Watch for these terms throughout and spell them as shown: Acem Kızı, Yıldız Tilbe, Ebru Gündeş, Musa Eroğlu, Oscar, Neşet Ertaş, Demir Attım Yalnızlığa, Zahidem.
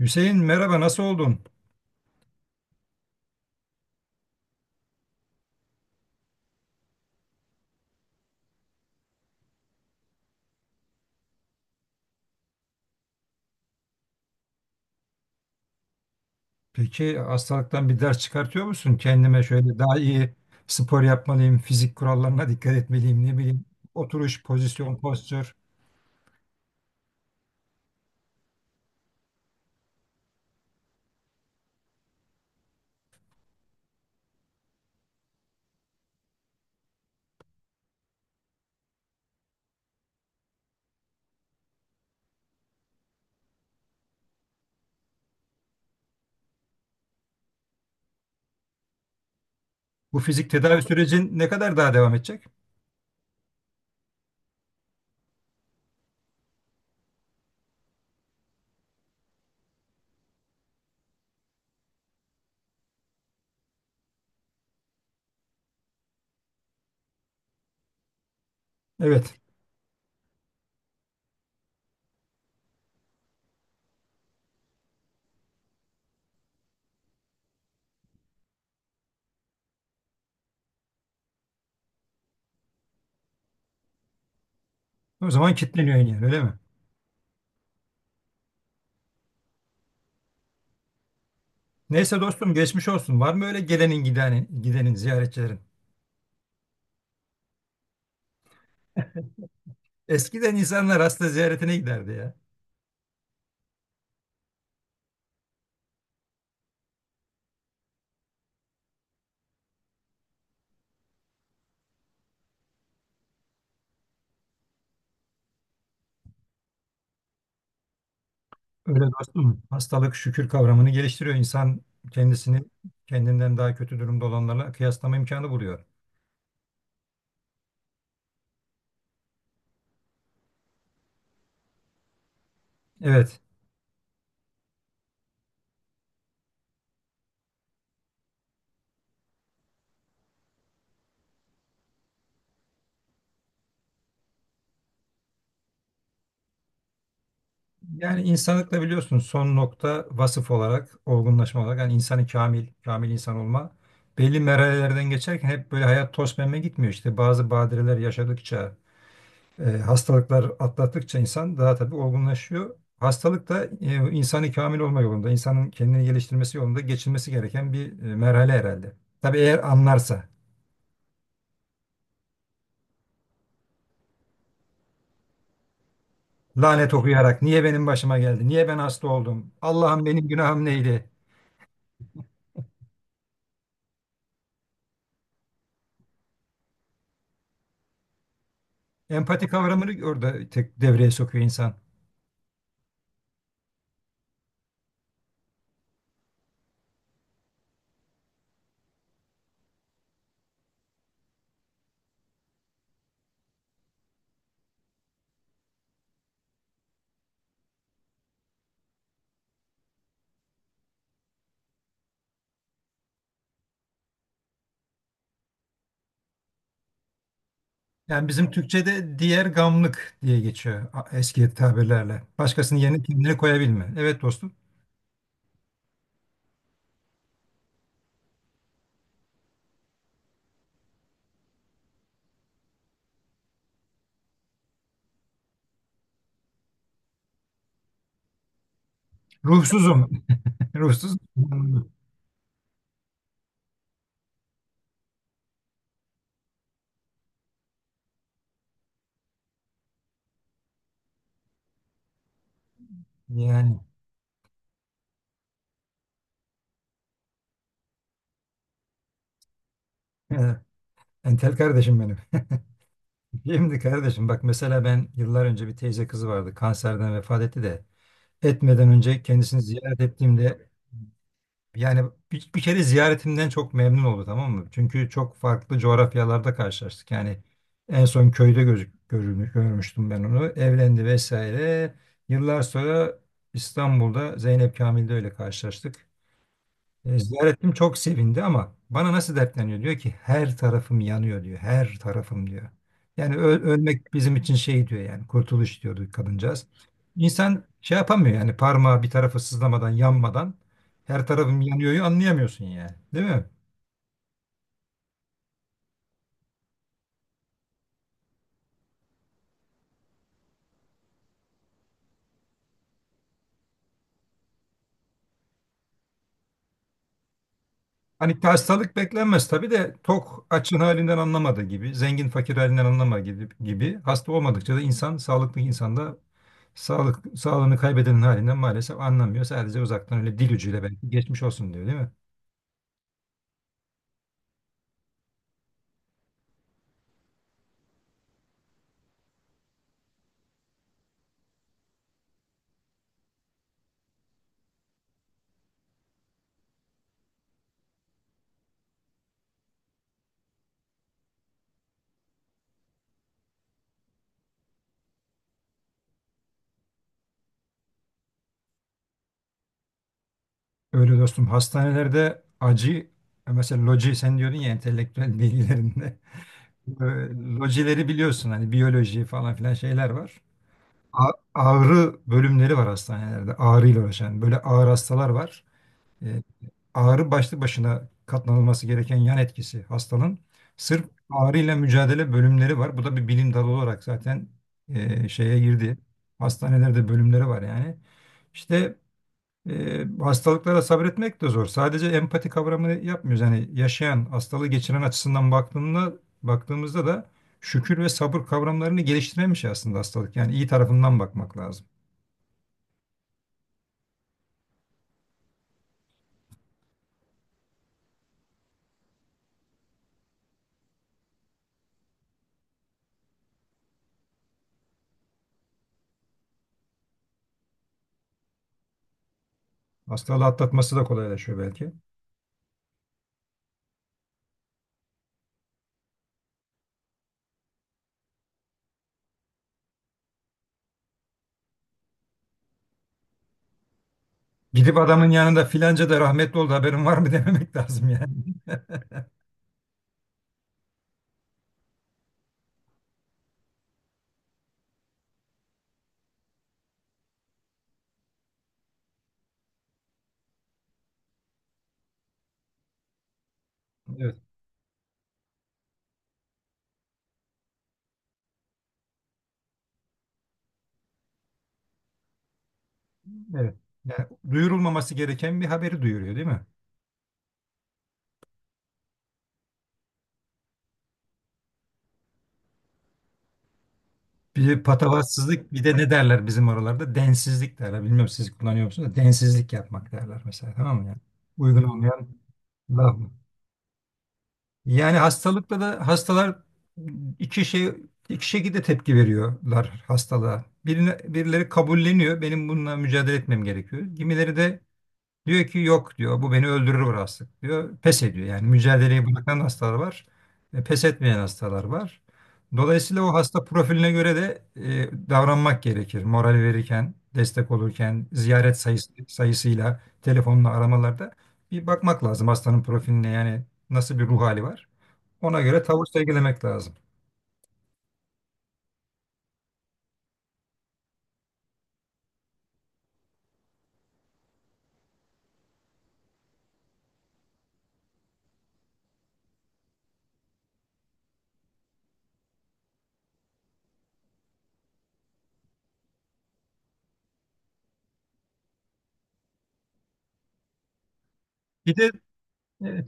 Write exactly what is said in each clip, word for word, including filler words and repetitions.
Hüseyin merhaba nasıl oldun? Peki hastalıktan bir ders çıkartıyor musun? Kendime şöyle daha iyi spor yapmalıyım, fizik kurallarına dikkat etmeliyim, ne bileyim oturuş, pozisyon, postür. Bu fizik tedavi sürecin ne kadar daha devam edecek? Evet. O zaman kilitleniyorsun yani öyle mi? Neyse dostum geçmiş olsun. Var mı öyle gelenin gidenin, gidenin ziyaretçilerin? Eskiden insanlar hasta ziyaretine giderdi ya. Öyle dostum. Hastalık şükür kavramını geliştiriyor. İnsan kendisini kendinden daha kötü durumda olanlarla kıyaslama imkanı buluyor. Evet. Yani insanlıkla biliyorsunuz son nokta vasıf olarak, olgunlaşma olarak yani insanı kamil, kamil insan olma belli merhalelerden geçerken hep böyle hayat toz pembe gitmiyor. İşte bazı badireler yaşadıkça, e, hastalıklar atlattıkça insan daha tabii olgunlaşıyor. Hastalık da e, insanı kamil olma yolunda, insanın kendini geliştirmesi yolunda geçilmesi gereken bir e, merhale herhalde. Tabii eğer anlarsa, lanet okuyarak niye benim başıma geldi, niye ben hasta oldum, Allah'ım benim günahım neydi? Empati kavramını orada tek devreye sokuyor insan. Yani bizim Türkçe'de diğer gamlık diye geçiyor a- eski tabirlerle. Başkasının yerine kendini koyabilme. Evet dostum. Ruhsuzum. Ruhsuz. Yani. Evet. Entel kardeşim benim. Şimdi kardeşim bak mesela ben yıllar önce bir teyze kızı vardı. Kanserden vefat etti de. Etmeden önce kendisini ziyaret ettiğimde yani bir, bir kere ziyaretimden çok memnun oldu, tamam mı? Çünkü çok farklı coğrafyalarda karşılaştık. Yani en son köyde gözük, görülmüş, görmüştüm ben onu. Evlendi vesaire. Yıllar sonra İstanbul'da Zeynep Kamil'de öyle karşılaştık. E, Ziyaretim çok sevindi ama bana nasıl dertleniyor? Diyor ki her tarafım yanıyor diyor. Her tarafım diyor. Yani ö- ölmek bizim için şey diyor yani kurtuluş diyordu kadıncağız. İnsan şey yapamıyor yani parmağı bir tarafı sızlamadan yanmadan her tarafım yanıyor'yu anlayamıyorsun yani. Değil mi? Hani hastalık beklenmez tabii de tok açın halinden anlamadığı gibi, zengin fakir halinden anlama gibi, gibi hasta olmadıkça da insan sağlıklı insanda Sağlık, sağlığını kaybedenin halinden maalesef anlamıyor. Sadece uzaktan öyle dil ucuyla belki geçmiş olsun diyor, değil mi? Öyle dostum hastanelerde acı e, mesela loji sen diyordun ya entelektüel bilgilerinde. Ee, Lojileri biliyorsun hani biyoloji falan filan şeyler var. A- ağrı bölümleri var hastanelerde, ağrıyla uğraşan böyle ağır hastalar var. E, Ağrı başlı başına katlanılması gereken yan etkisi hastanın. Sırf ağrıyla mücadele bölümleri var. Bu da bir bilim dalı olarak zaten e, şeye girdi. Hastanelerde bölümleri var yani. İşte e, hastalıklara sabretmek de zor. Sadece empati kavramını yapmıyoruz. Yani yaşayan, hastalığı geçiren açısından baktığında, baktığımızda da şükür ve sabır kavramlarını geliştiremiş aslında hastalık. Yani iyi tarafından bakmak lazım. Hastalığı atlatması da kolaylaşıyor belki. Gidip adamın yanında filanca da rahmetli oldu haberin var mı dememek lazım yani. Evet. Evet. Yani duyurulmaması gereken bir haberi duyuruyor, değil mi? Bir de patavatsızlık bir de ne derler bizim oralarda? Densizlik derler. Bilmiyorum siz kullanıyor musunuz da densizlik yapmak derler mesela, tamam mı yani? Uygun olmayan laf mı? Yani hastalıkla da hastalar iki şey iki şekilde tepki veriyorlar hastalığa. Birine, birileri kabulleniyor. Benim bununla mücadele etmem gerekiyor. Kimileri de diyor ki yok diyor bu beni öldürür bu hastalık diyor. Pes ediyor yani, mücadeleyi bırakan hastalar var. e, Pes etmeyen hastalar var. Dolayısıyla o hasta profiline göre de e, davranmak gerekir. Moral verirken, destek olurken, ziyaret sayısı, sayısıyla, telefonla aramalarda bir bakmak lazım hastanın profiline, yani nasıl bir ruh hali var. Ona göre tavır sergilemek lazım. Bir de E,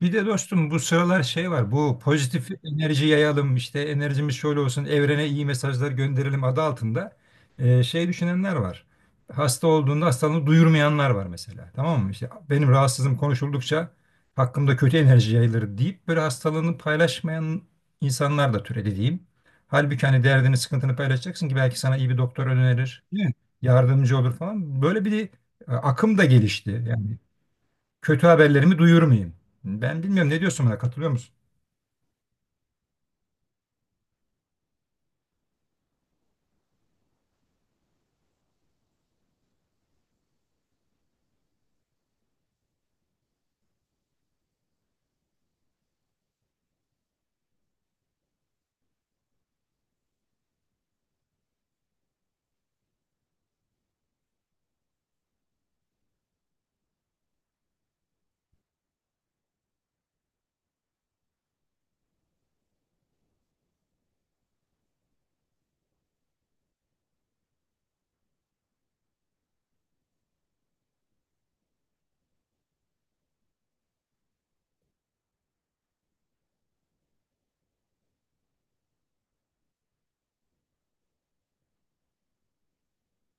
Bir de dostum bu sıralar şey var. Bu pozitif enerji yayalım işte enerjimiz şöyle olsun evrene iyi mesajlar gönderelim adı altında e, şey düşünenler var. Hasta olduğunda hastalığını duyurmayanlar var mesela. Tamam mı? İşte benim rahatsızlığım konuşuldukça hakkımda kötü enerji yayılır deyip böyle hastalığını paylaşmayan insanlar da türedi diyeyim. Halbuki hani derdini, sıkıntını paylaşacaksın ki belki sana iyi bir doktor önerir, değil mi? Yardımcı olur falan. Böyle bir e, akım da gelişti. Yani kötü haberlerimi duyurur muyum? Ben bilmiyorum, ne diyorsun, buna katılıyor musun?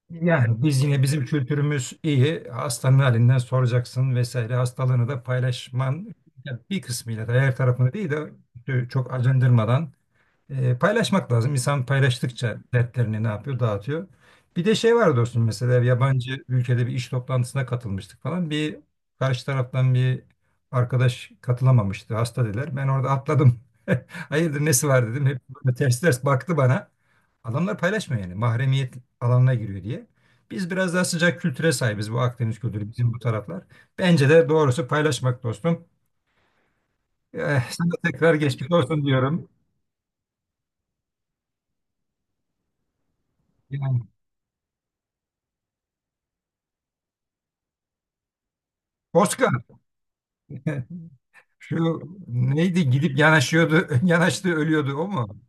Yani biz yine bizim kültürümüz iyi. Hastanın halinden soracaksın vesaire. Hastalığını da paylaşman ya bir kısmıyla da her tarafını değil de çok acındırmadan E, paylaşmak lazım. İnsan paylaştıkça dertlerini ne yapıyor? Dağıtıyor. Bir de şey var dostum, mesela yabancı ülkede bir iş toplantısına katılmıştık falan. Bir karşı taraftan bir arkadaş katılamamıştı. Hasta dediler. Ben orada atladım. Hayırdır nesi var dedim. Hep böyle ters ters baktı bana. Adamlar paylaşmıyor yani. Mahremiyet alanına giriyor diye. Biz biraz daha sıcak kültüre sahibiz. Bu Akdeniz kültürü bizim bu taraflar. Bence de doğrusu paylaşmak dostum. Eh, sana tekrar geçmiş olsun diyorum. Yani, Oscar. Şu neydi gidip yanaşıyordu, yanaştı ölüyordu o mu?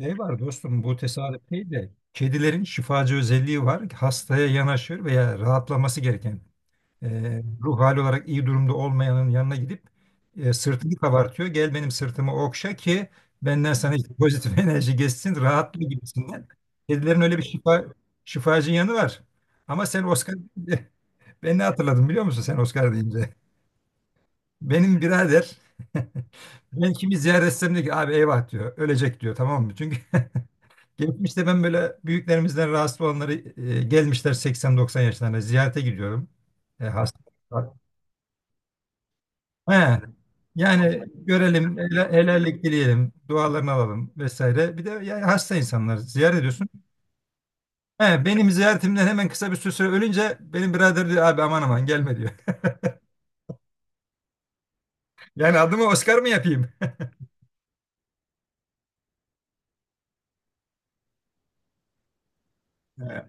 Şey var dostum, bu tesadüf değil de kedilerin şifacı özelliği var. Hastaya yanaşır veya rahatlaması gereken e, ruh hali olarak iyi durumda olmayanın yanına gidip e, sırtını kabartıyor. Gel benim sırtımı okşa ki benden sana işte pozitif enerji geçsin rahatla gibisinden. Kedilerin öyle bir şifa, şifacı yanı var. Ama sen Oscar ben ne hatırladım biliyor musun sen Oscar deyince? Benim birader ben kimi ziyaret etsem diyor ki abi eyvah diyor. Ölecek diyor, tamam mı? Çünkü geçmişte ben böyle büyüklerimizden rahatsız olanları e, gelmişler seksen doksan yaşlarında ziyarete gidiyorum. E, hasta. He. Yani görelim, hele- helallik dileyelim, dualarını alalım vesaire. Bir de yani hasta insanlar ziyaret ediyorsun. He, benim ziyaretimden hemen kısa bir süre sonra ölünce benim birader diyor abi aman aman gelme diyor. Yani adımı Oscar mı yapayım? He.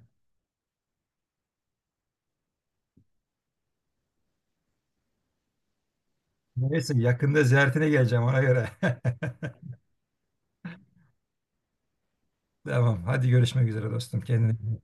Neyse yakında ziyaretine geleceğim ona göre. Devam. Hadi görüşmek üzere dostum. Kendine iyi bak.